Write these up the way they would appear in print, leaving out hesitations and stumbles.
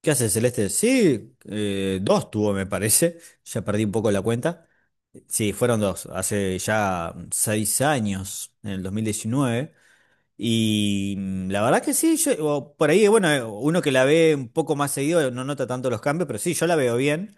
¿Qué hace Celeste? Sí, dos tuvo, me parece. Ya perdí un poco la cuenta. Sí, fueron dos, hace ya seis años, en el 2019. Y la verdad que sí, o por ahí, bueno, uno que la ve un poco más seguido no nota tanto los cambios, pero sí, yo la veo bien.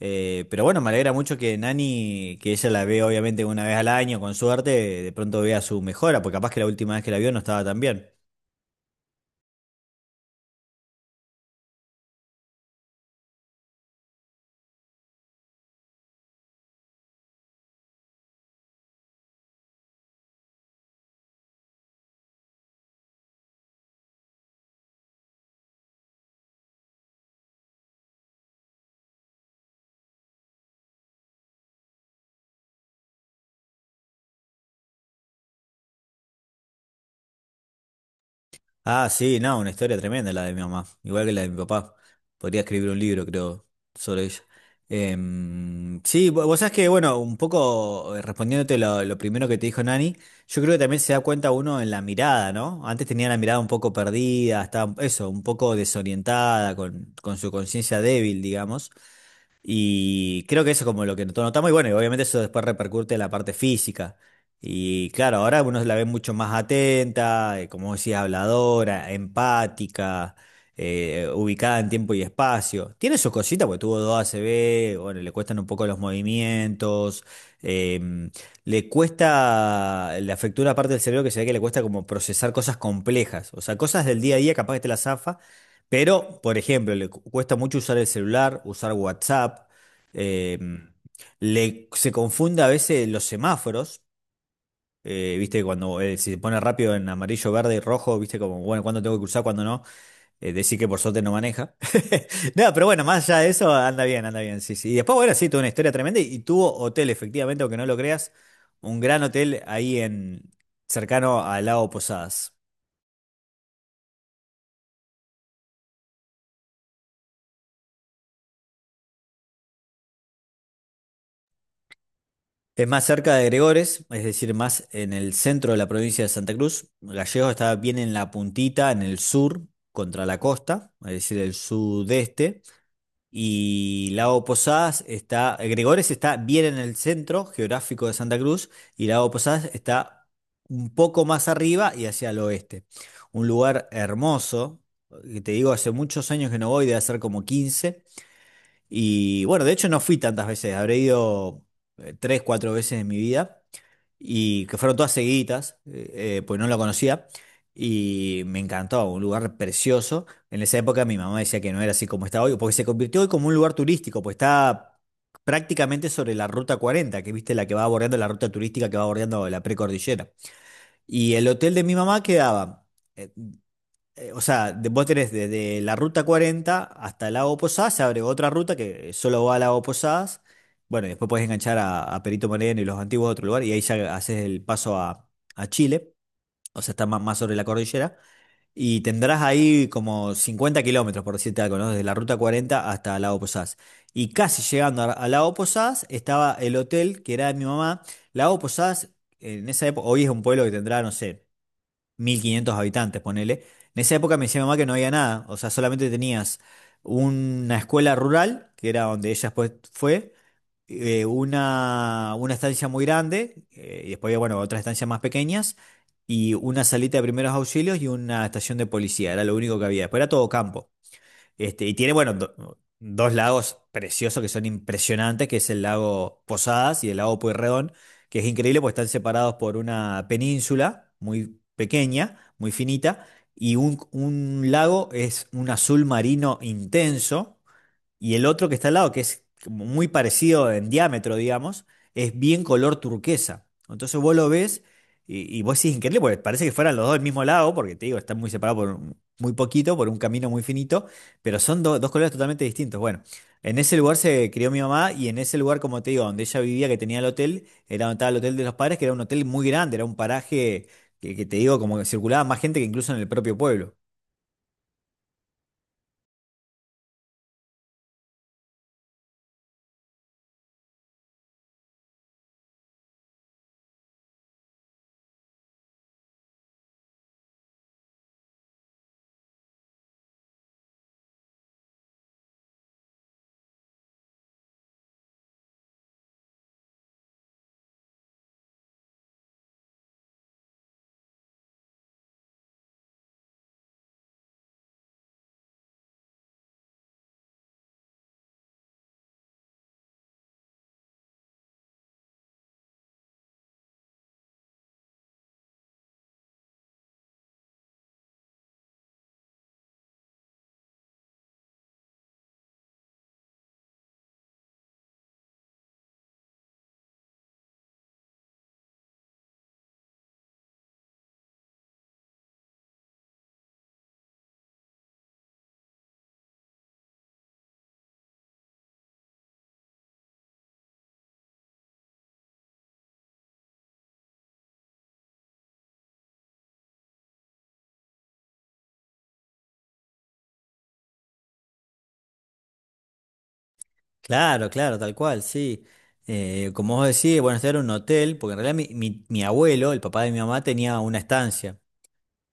Pero bueno, me alegra mucho que Nani, que ella la ve obviamente una vez al año, con suerte, de pronto vea su mejora, porque capaz que la última vez que la vio no estaba tan bien. Ah, sí, no, una historia tremenda la de mi mamá, igual que la de mi papá. Podría escribir un libro, creo, sobre ella. Sí, vos sabés que, bueno, un poco respondiéndote lo primero que te dijo Nani, yo creo que también se da cuenta uno en la mirada, ¿no? Antes tenía la mirada un poco perdida, estaba, eso, un poco desorientada, con su conciencia débil, digamos. Y creo que eso es como lo que notamos, y bueno, y obviamente eso después repercute en la parte física. Y claro, ahora uno la ve mucho más atenta, como decía, habladora, empática, ubicada en tiempo y espacio. Tiene sus cositas, porque tuvo dos A C ACV, bueno, le cuestan un poco los movimientos, em, le cuesta, le afectó una parte del cerebro que se ve que le cuesta como procesar cosas complejas, o sea, cosas del día a día capaz que te la zafa, pero, por ejemplo, cuesta mucho usar el celular, usar WhatsApp, eh, se confunde a veces los semáforos, viste, cuando si se pone rápido en amarillo, verde y rojo, viste, como, bueno, cuándo tengo que cruzar, cuándo no, decir que por suerte no maneja. No, pero bueno, más allá de eso, anda bien, sí, sí. Y después, bueno, sí, tuvo una historia tremenda y tuvo hotel, efectivamente, aunque no lo creas, un gran hotel ahí en, cercano al lago Posadas. Es más cerca de Gregores, es decir, más en el centro de la provincia de Santa Cruz. Gallegos está bien en la puntita, en el sur, contra la costa, es decir, el sudeste. Y Lago Posadas está, Gregores está bien en el centro geográfico de Santa Cruz y Lago Posadas está un poco más arriba y hacia el oeste. Un lugar hermoso, que te digo, hace muchos años que no voy, debe ser como 15. Y bueno, de hecho no fui tantas veces, habré ido tres, cuatro veces en mi vida y que fueron todas seguiditas, pues no la conocía, y me encantó, un lugar precioso. En esa época mi mamá decía que no era así como está hoy, porque se convirtió hoy como un lugar turístico, pues está prácticamente sobre la ruta 40 que viste la que va bordeando la ruta turística que va bordeando la precordillera. Y el hotel de mi mamá quedaba. eh, o sea, vos tenés desde la ruta 40 hasta el Lago Posadas, se abre otra ruta que solo va al Lago Posadas. Bueno, y después podés enganchar a Perito Moreno y los antiguos a otro lugar, y ahí ya haces el paso a Chile, o sea, está más, más sobre la cordillera. Y tendrás ahí como 50 kilómetros, por decirte algo, ¿no? Desde la ruta 40 hasta el Lago Posadas. Y casi llegando a Lago Posadas estaba el hotel que era de mi mamá. Lago Posadas, en esa época, hoy es un pueblo que tendrá, no sé. 1500 habitantes, ponele. En esa época me decía mi mamá que no había nada, o sea, solamente tenías una escuela rural, que era donde ella después fue, una estancia muy grande, y después había, bueno, otras estancias más pequeñas, y una salita de primeros auxilios y una estación de policía, era lo único que había. Después era todo campo. Este, y tiene, bueno, dos lagos preciosos que son impresionantes, que es el lago Posadas y el lago Pueyrredón, que es increíble porque están separados por una península muy pequeña, muy finita, y un lago es un azul marino intenso y el otro que está al lado, que es como muy parecido en diámetro, digamos, es bien color turquesa. Entonces vos lo ves y vos decís increíble, porque parece que fueran los dos del mismo lado, porque te digo, están muy separados por muy poquito, por un camino muy finito, pero son dos colores totalmente distintos. Bueno, en ese lugar se crió mi mamá y en ese lugar, como te digo, donde ella vivía, que tenía el hotel, era donde estaba el hotel de los padres, que era un hotel muy grande, era un paraje que te digo, como que circulaba más gente que incluso en el propio pueblo. Claro, claro, tal cual, sí. Como vos decís, bueno, este era un hotel, porque en realidad mi abuelo, el papá de mi mamá, tenía una estancia.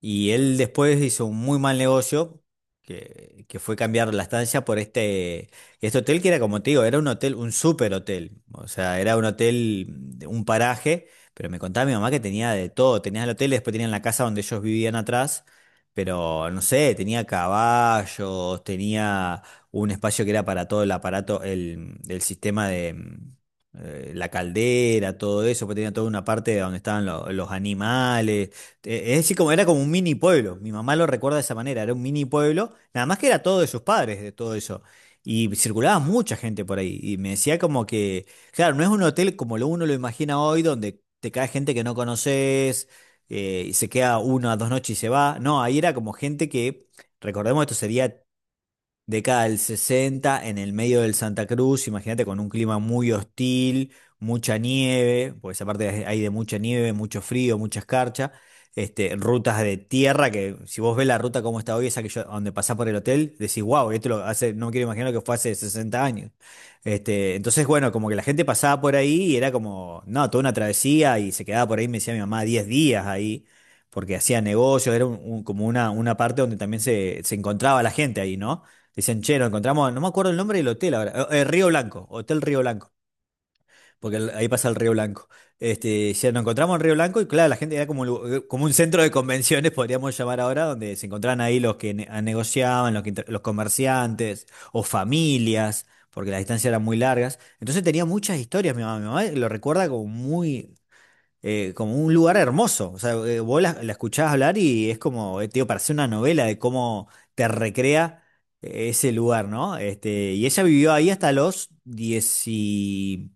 Y él después hizo un muy mal negocio, que fue cambiar la estancia por este, este hotel que era, como te digo, era un hotel, un super hotel. O sea, era un hotel, de un paraje, pero me contaba mi mamá que tenía de todo. Tenías el hotel, después tenían la casa donde ellos vivían atrás, pero no sé, tenía caballos, tenía un espacio que era para todo el aparato, el sistema de... la caldera, todo eso, pues tenía toda una parte donde estaban los animales, es decir, como era como un mini pueblo. Mi mamá lo recuerda de esa manera. Era un mini pueblo, nada más que era todo de sus padres, de todo eso. Y circulaba mucha gente por ahí. Y me decía como que, claro, no es un hotel como lo uno lo imagina hoy, donde te cae gente que no conoces y se queda uno a dos noches y se va. No, ahí era como gente que, recordemos, esto sería década del 60, en el medio del Santa Cruz, imagínate con un clima muy hostil, mucha nieve, porque esa parte hay de mucha nieve, mucho frío, mucha escarcha, este, rutas de tierra que si vos ves la ruta como está hoy, esa que yo, donde pasás por el hotel, decís, wow, esto lo hace, no me quiero imaginar lo que fue hace 60 años. Este, entonces, bueno, como que la gente pasaba por ahí y era como, no, toda una travesía y se quedaba por ahí, me decía mi mamá, 10 días ahí, porque hacía negocios, era como una parte donde también se encontraba la gente ahí, ¿no? Dicen, che, nos encontramos, no me acuerdo el nombre del hotel ahora, Río Blanco, Hotel Río Blanco, porque ahí pasa el Río Blanco. Este, ya nos encontramos en Río Blanco y claro, la gente era como, como un centro de convenciones, podríamos llamar ahora, donde se encontraban ahí los que negociaban, los comerciantes o familias, porque las distancias eran muy largas. Entonces tenía muchas historias, mi mamá lo recuerda como muy, como un lugar hermoso. O sea, vos la escuchás hablar y es como, tío, parece una novela de cómo te recrea ese lugar, ¿no? Este, y ella vivió ahí hasta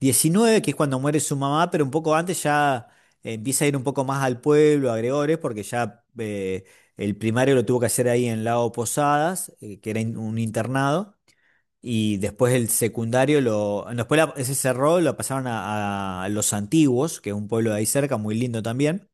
19, que es cuando muere su mamá, pero un poco antes ya empieza a ir un poco más al pueblo, a Gregores, porque ya el primario lo tuvo que hacer ahí en Lago Posadas, que era un internado. Y después el secundario, lo, después ese cerró, lo pasaron a Los Antiguos, que es un pueblo de ahí cerca, muy lindo también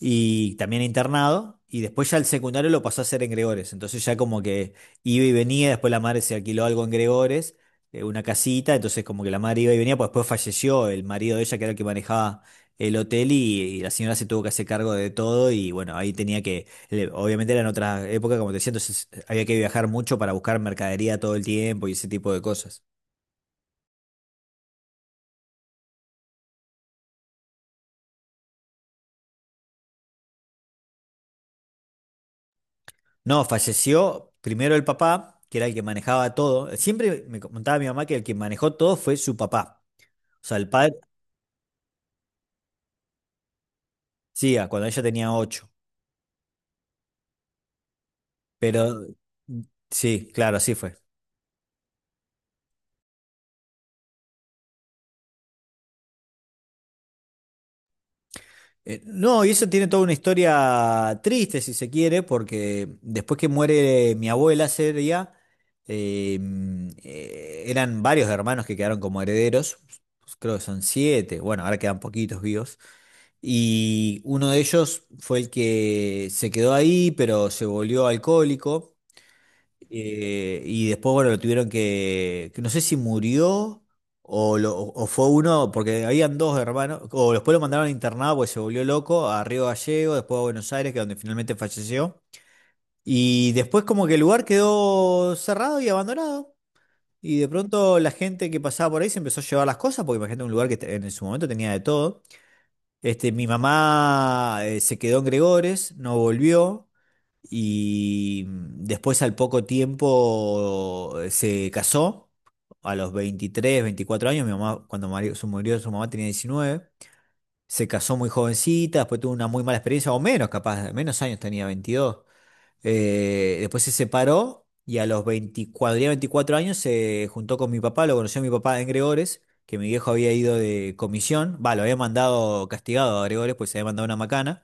y también internado. Y después ya el secundario lo pasó a hacer en Gregores. Entonces ya como que iba y venía, después la madre se alquiló algo en Gregores, una casita, entonces como que la madre iba y venía, pues después falleció el marido de ella, que era el que manejaba el hotel, y la señora se tuvo que hacer cargo de todo, y bueno, ahí tenía que, obviamente era en otra época, como te decía, entonces había que viajar mucho para buscar mercadería todo el tiempo y ese tipo de cosas. No, falleció primero el papá, que era el que manejaba todo. Siempre me contaba mi mamá que el que manejó todo fue su papá. O sea, el padre, sí, a cuando ella tenía 8, pero mm, sí, claro, así fue. No, y eso tiene toda una historia triste, si se quiere, porque después que muere mi abuela sería, eran varios hermanos que quedaron como herederos, creo que son 7, bueno, ahora quedan poquitos vivos. Y uno de ellos fue el que se quedó ahí, pero se volvió alcohólico. Y después, bueno, lo tuvieron que no sé si murió o, o fue uno, porque habían dos hermanos, o después lo mandaron internado porque se volvió loco a Río Gallego, después a Buenos Aires, que es donde finalmente falleció. Y después como que el lugar quedó cerrado y abandonado. Y de pronto la gente que pasaba por ahí se empezó a llevar las cosas, porque imagínate un lugar que en su momento tenía de todo. Este, mi mamá se quedó en Gregores, no volvió. Y después al poco tiempo se casó, a los 23 24 años, mi mamá, cuando murió su mamá tenía 19, se casó muy jovencita, después tuvo una muy mala experiencia, o menos capaz, menos años tenía, 22. Después se separó y a los 20 cuando tenía 24 años se juntó con mi papá, lo conoció mi papá en Gregores, que mi viejo había ido de comisión, va, lo había mandado castigado a Gregores, pues se había mandado una macana.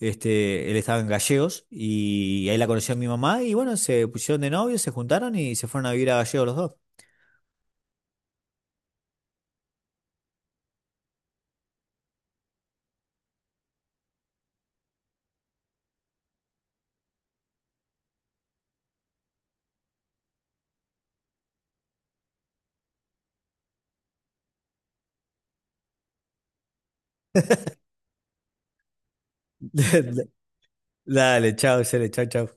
Este, él estaba en Gallegos y ahí la conoció mi mamá y bueno, se pusieron de novios, se juntaron y se fueron a vivir a Gallegos los dos. Dale, chao, Cele, chao, chao.